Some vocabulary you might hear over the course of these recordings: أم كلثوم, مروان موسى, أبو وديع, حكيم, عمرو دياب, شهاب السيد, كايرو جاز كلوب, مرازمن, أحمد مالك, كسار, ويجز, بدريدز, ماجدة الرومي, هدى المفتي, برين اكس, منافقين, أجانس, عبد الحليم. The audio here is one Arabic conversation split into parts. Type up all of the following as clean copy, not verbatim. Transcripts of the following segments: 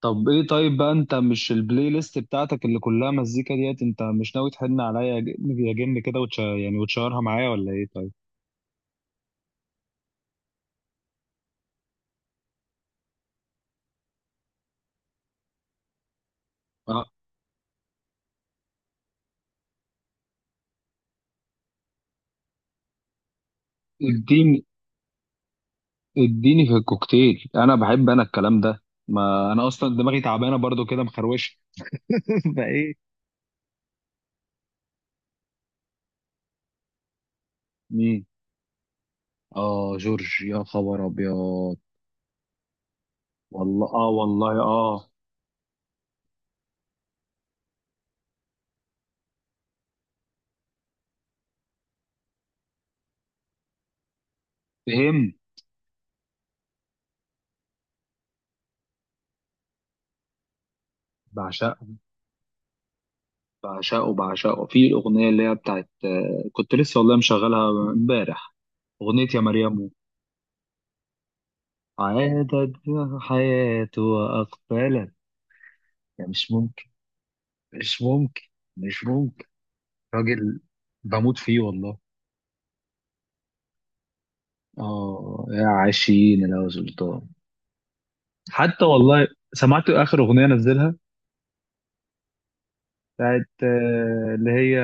طب ايه؟ طيب بقى، انت مش البلاي ليست بتاعتك اللي كلها مزيكا ديت؟ انت مش ناوي تحن عليا يا جن يا جن كده، يعني وتشيرها معايا ولا ايه؟ طيب. اه. اديني، اديني في الكوكتيل، انا بحب الكلام ده. ما انا اصلا دماغي تعبانه برضو كده، مخروشه. فايه؟ مين؟ اه جورج، يا خبر ابيض. والله اه، والله اه. فهم. بعشقه، بعشقه، بعشقه في الاغنيه اللي هي بتاعت كنت لسه والله مشغلها امبارح، اغنيه يا مريم. عادت حياته وأقبلت، يعني مش ممكن، مش ممكن، مش ممكن. راجل، بموت فيه والله. اه يا عشرين لو سلطان. حتى والله سمعت آخر أغنية نزلها، بتاعت اللي هي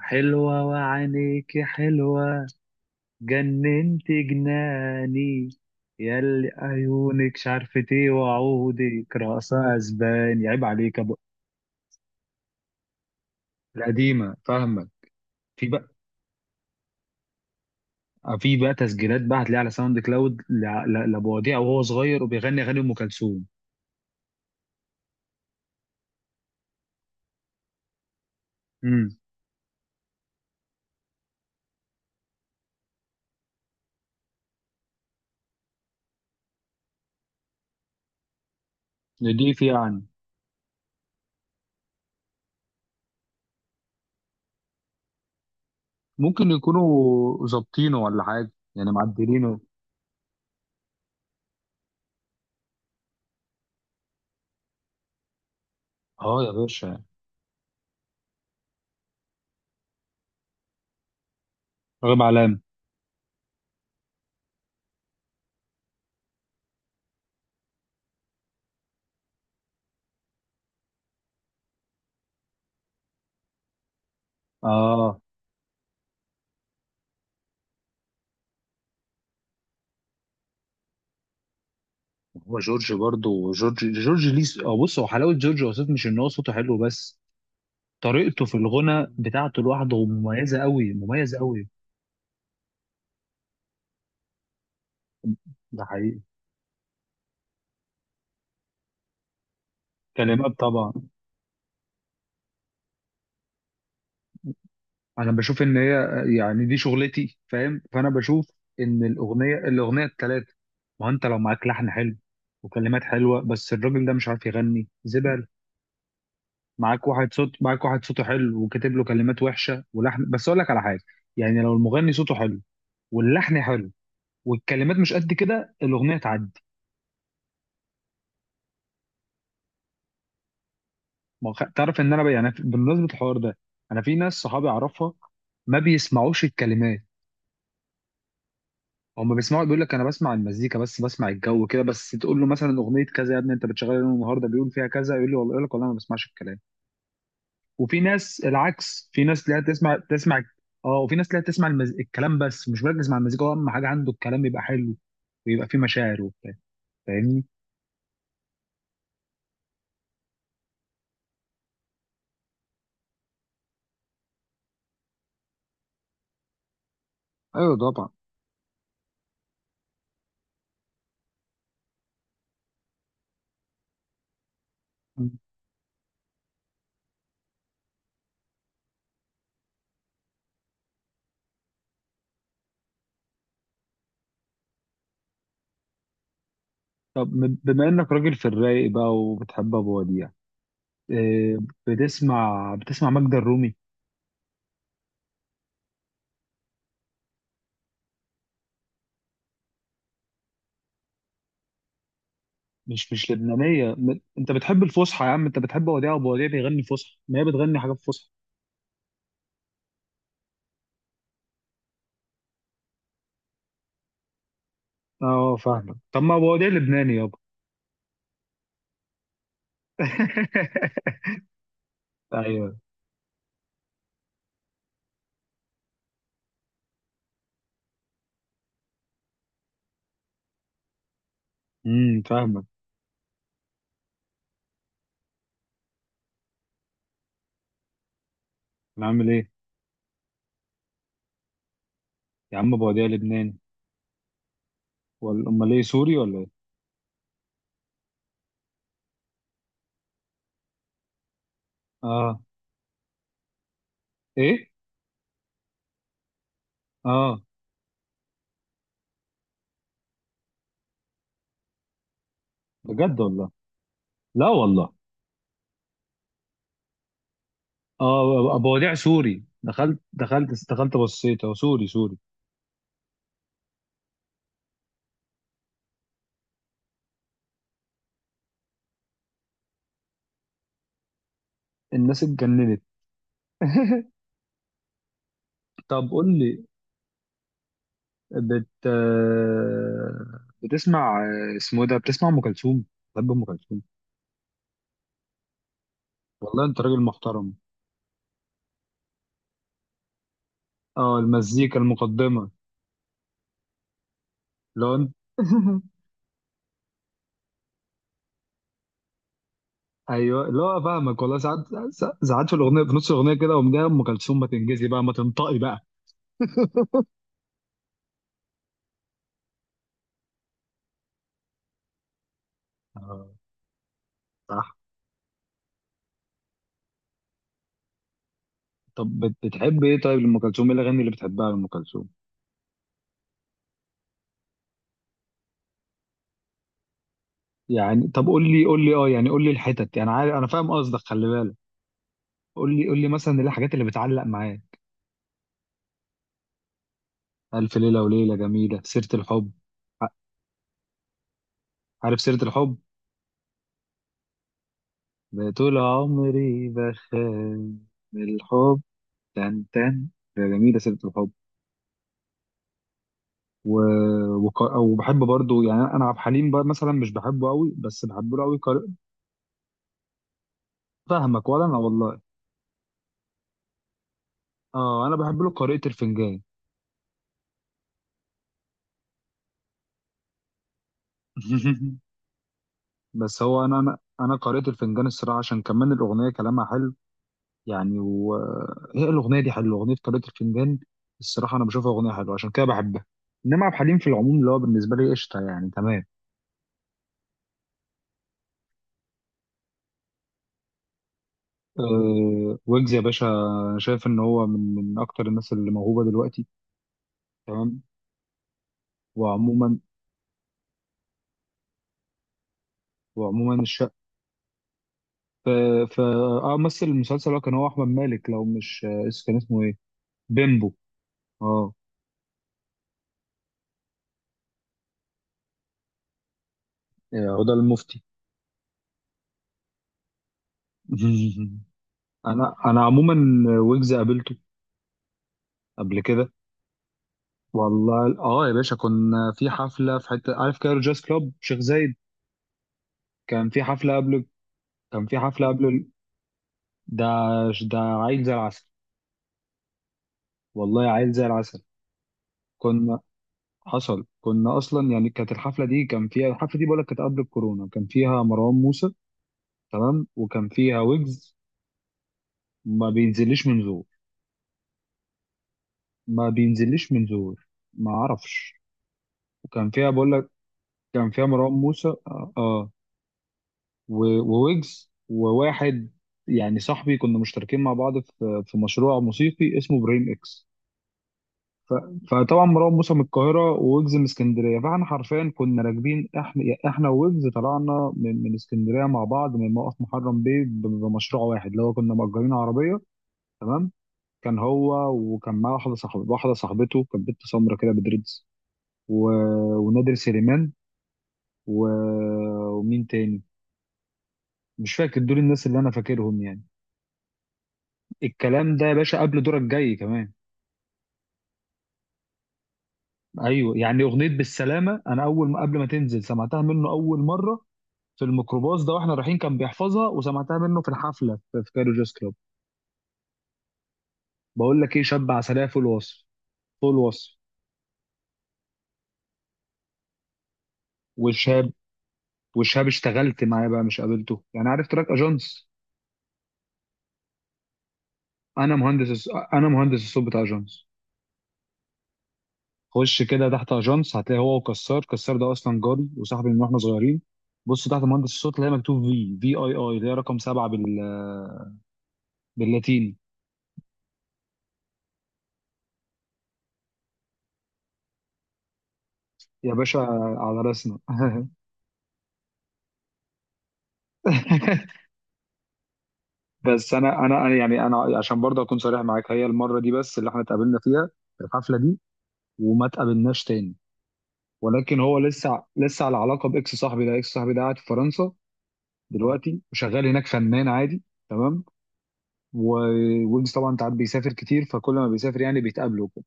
حلوة وعينيكي حلوة، جننت جناني، ياللي عيونك مش عارفة ايه، وعودك رأس أسبان، عيب عليك يا أبو. القديمة، فاهمك. في بقى، في بقى تسجيلات بقى هتلاقيها على ساوند كلاود لابو وديع وهو صغير وبيغني اغاني ام كلثوم. امم، دي في يعني، ممكن يكونوا ظابطينه ولا حاجه يعني، معدلينه. اه يا باشا. راغب علام. اه. هو جورج برضه، جورج ليه س- آه، بص، هو حلاوه جورج وسوف مش ان هو صوته حلو بس، طريقته في الغنى بتاعته لوحده مميزه قوي، مميزه قوي. ده حقيقي. كلمات طبعا. انا بشوف ان هي، يعني دي شغلتي فاهم، فانا بشوف ان الاغنيه، الثلاثه. ما هو انت لو معاك لحن حلو وكلمات حلوه بس الراجل ده مش عارف يغني، زبال. معاك واحد صوت، معاك واحد صوته حلو وكاتب له كلمات وحشه ولحن، بس اقول لك على حاجه، يعني لو المغني صوته حلو واللحن حلو والكلمات مش قد كده، الاغنيه تعدي. ما هو تعرف ان يعني بمناسبه الحوار ده، انا في ناس صحابي اعرفها ما بيسمعوش الكلمات، هم بيسمعوا، بيقول لك انا بسمع المزيكا بس، بسمع الجو كده بس، تقول له مثلا اغنيه كذا، يا ابني انت بتشغلها يوم النهارده بيقول فيها كذا، يقول لي والله، يقول لك والله ما بسمعش الكلام. وفي ناس العكس، في ناس تلاقيها تسمع، تسمع. اه، وفي ناس تلاقيها تسمع الكلام بس، مش مركز مع المزيكا، هو اهم حاجه عنده الكلام يبقى حلو ويبقى فيه مشاعر وبتاع. فاهمني؟ ايوه طبعا. مم. طب بما انك راجل في الرايق بقى وبتحب ابو وديع، إيه، بتسمع، بتسمع ماجدة الرومي؟ مش مش لبنانيه، انت بتحب الفصحى يا عم، انت بتحب وديع، ابو وديع بيغني فصحى، ما هي بتغني حاجات فصحى. اه فاهمك، طب ما ابو وديع لبناني يابا. ايوه. فاهمك. انا عامل ايه؟ يا عم ابو وديع لبناني، ولا امال ايه؟ سوري ولا ايه؟ اه. ايه. اه. بجد والله؟ لا والله. اه ابو وديع سوري، دخلت، دخلت، دخلت، بصيت هو سوري، سوري. الناس اتجننت. طب قول لي، بت آه، بتسمع، اسمه إيه ده، بتسمع ام كلثوم؟ بحب ام كلثوم والله، انت راجل محترم. اه المزيكا المقدمه، لون. ايوه، لا فاهمك والله. ساعات، ساعات، ساعات في الاغنيه، في نص الاغنيه كده قوم جاي، ام كلثوم ما تنجزي بقى، ما تنطقي بقى. اه. صح. طب بتحب ايه طيب لام كلثوم، ايه الاغاني اللي بتحبها لام كلثوم؟ يعني طب قول لي، قول لي اه، يعني قول لي الحتت، يعني عارف، انا فاهم قصدك، خلي بالك، قول لي، قول لي مثلا ايه الحاجات اللي بتعلق معايا. الف ليله وليله، جميله، سيره الحب. عارف سيرة الحب، طول عمري بخاف من الحب، تن تن، ده جميلة سيرة الحب. و... وبحب برضو، يعني انا عبد الحليم بقى مثلا مش بحبه قوي، بس بحب له قوي قارئ. فاهمك، ولا انا والله. اه، انا بحب له قارئة الفنجان. بس هو انا قارئة الفنجان الصراحة عشان كمان الاغنية كلامها حلو، يعني، وهي الاغنية دي حلوة، اغنية قارئة الفنجان الصراحة انا بشوفها اغنية حلوة، عشان كده بحبها. انما عبد الحليم في العموم اللي هو بالنسبة لي قشطة، يعني تمام. أه ويجز يا باشا، أنا شايف ان هو من اكتر الناس اللي موهوبه دلوقتي. تمام. وعموما، وعموما الشق. ف ف اه، مثل المسلسل، هو كان، هو احمد مالك لو مش كان اسمه ايه؟ بيمبو. اه. هدى المفتي. انا عموما، ويجز قابلته قبل كده. والله اه يا باشا، كنا في حفله في حته، عارف كايرو جاز كلوب شيخ زايد؟ كان في حفله قبل، كان في حفله قبل ال-. ده، ده عيل زي العسل. والله عيل زي العسل. كنا، حصل كنا اصلا يعني، كانت الحفله دي كان فيها، الحفله دي بقولك كانت قبل الكورونا، كان فيها مروان موسى تمام، وكان فيها ويجز. ما بينزلش من زور، ما بينزلش من زور. ما اعرفش. وكان فيها بقولك، كان فيها مروان موسى اه، و- وويجز وواحد يعني صاحبي، كنا مشتركين مع بعض في مشروع موسيقي اسمه برين اكس. ف- فطبعا مروان موسى من القاهره وويجز من اسكندريه، فاحنا حرفيا كنا راكبين احنا، وويجز طلعنا من اسكندريه مع بعض من موقف محرم بيه بمشروع واحد، اللي هو كنا مأجرين عربيه. تمام. كان هو، وكان معاه واحده صاحبته، واحده صاحبته كانت بنت سمرا كده بدريدز، و... ونادر سليمان، و... ومين تاني، مش فاكر. دول الناس اللي انا فاكرهم يعني. الكلام ده يا باشا قبل دورك جاي كمان. ايوه، يعني اغنيه بالسلامه انا اول ما، قبل ما تنزل سمعتها منه اول مره في الميكروباص ده واحنا رايحين، كان بيحفظها، وسمعتها منه في الحفله في في كايرو جاز كلوب. بقول لك ايه، شاب عسليه فوق الوصف، فوق الوصف. وشاب، وشاب اشتغلت معاه بقى مش قابلته، يعني عارف تراك اجانس؟ انا مهندس، انا مهندس الصوت بتاع اجانس. خش كده تحت اجانس هتلاقي هو وكسار، كسار ده اصلا جاري وصاحبي من واحنا صغيرين. بص تحت مهندس الصوت، اللي هي مكتوب في اي اي، اللي هي رقم 7 بال، باللاتيني. يا باشا على راسنا. بس انا انا أنا يعني، انا عشان برضه اكون صريح معاك، هي المره دي بس اللي احنا اتقابلنا فيها في الحفله دي، وما اتقابلناش تاني، ولكن هو لسه، لسه على علاقه باكس صاحبي ده، اكس صاحبي ده قاعد في فرنسا دلوقتي وشغال هناك فنان عادي. تمام. ويجز طبعا انت عارف بيسافر كتير، فكل ما بيسافر يعني بيتقابلوا وكده.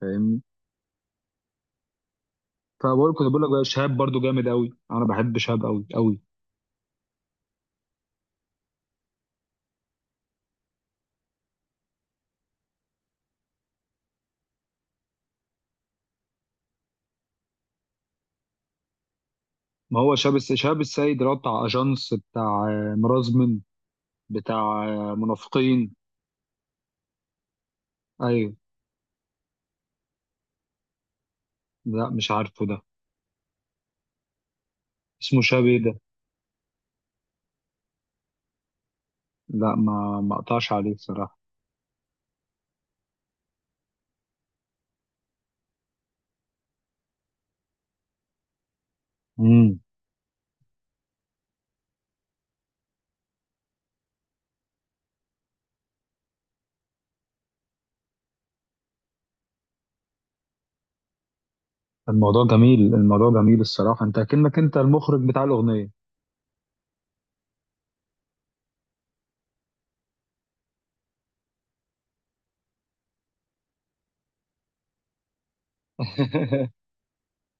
فاهمني؟ فبقول، كنت بقول لك بقى، شهاب برضه جامد قوي، انا بحب شهاب قوي قوي. ما هو شهاب السيد اللي هو بتاع اجانس، بتاع مرازمن، بتاع منافقين. ايوه. لا مش عارفه ده، اسمه شاب ده. لا ما، ما اقطعش عليه الصراحه. امم. الموضوع جميل، الموضوع جميل الصراحه، انت كأنك انت المخرج بتاع الاغنيه.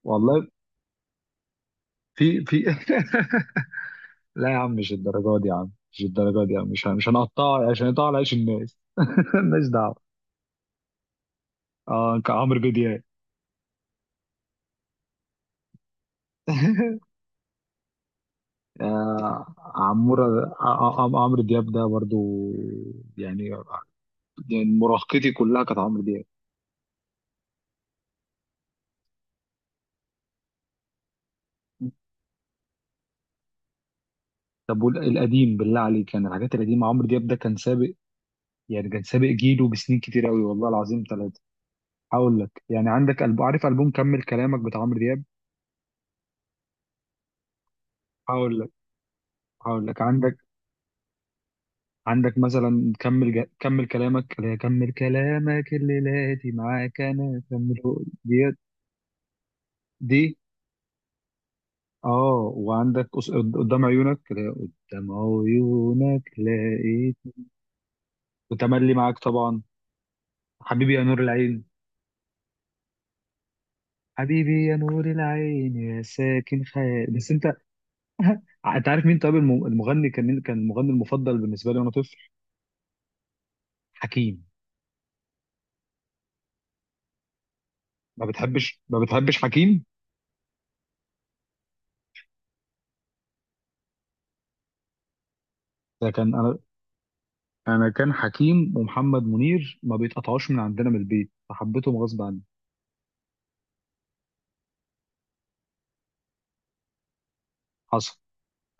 والله في لا يا عم مش الدرجه دي يا عم، مش الدرجه دي يا عم، مش، مش هنقطع عشان يقطع على عيش الناس. مالناش دعوه. اه كعمرو دياب. عمرو دياب ده برضو يعني، يعني مراهقتي كلها كانت عمرو دياب. طب والقديم بالله عليك، يعني الحاجات القديمة، عمرو دياب ده كان سابق، يعني كان سابق جيله بسنين كتير قوي والله العظيم ثلاثة. هقول لك، يعني عندك عارف ألبوم كمل كلامك بتاع عمرو دياب؟ هقول لك، هقول لك، عندك، عندك مثلا كمل كمل كلامك، اللي هي كمل كلامك اللي لاتي معاك انا، كمل ديت، دي. اه، وعندك قدام عيونك، اللي هي قدام عيونك لقيت، وتملي معاك طبعا. حبيبي يا نور العين، حبيبي يا نور العين يا ساكن خيال بس انت. انت عارف مين طيب المغني كان، مين كان المغني المفضل بالنسبه لي وانا طفل؟ حكيم. ما بتحبش، ما بتحبش حكيم؟ ده كان انا، انا كان حكيم ومحمد منير ما بيتقطعوش من عندنا من البيت، فحبيتهم غصب عني. حصل،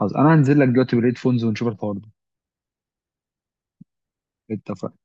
حصل، انا هنزل لك دلوقتي بالهيدفونز ونشوف الحوار ده. اتفقنا.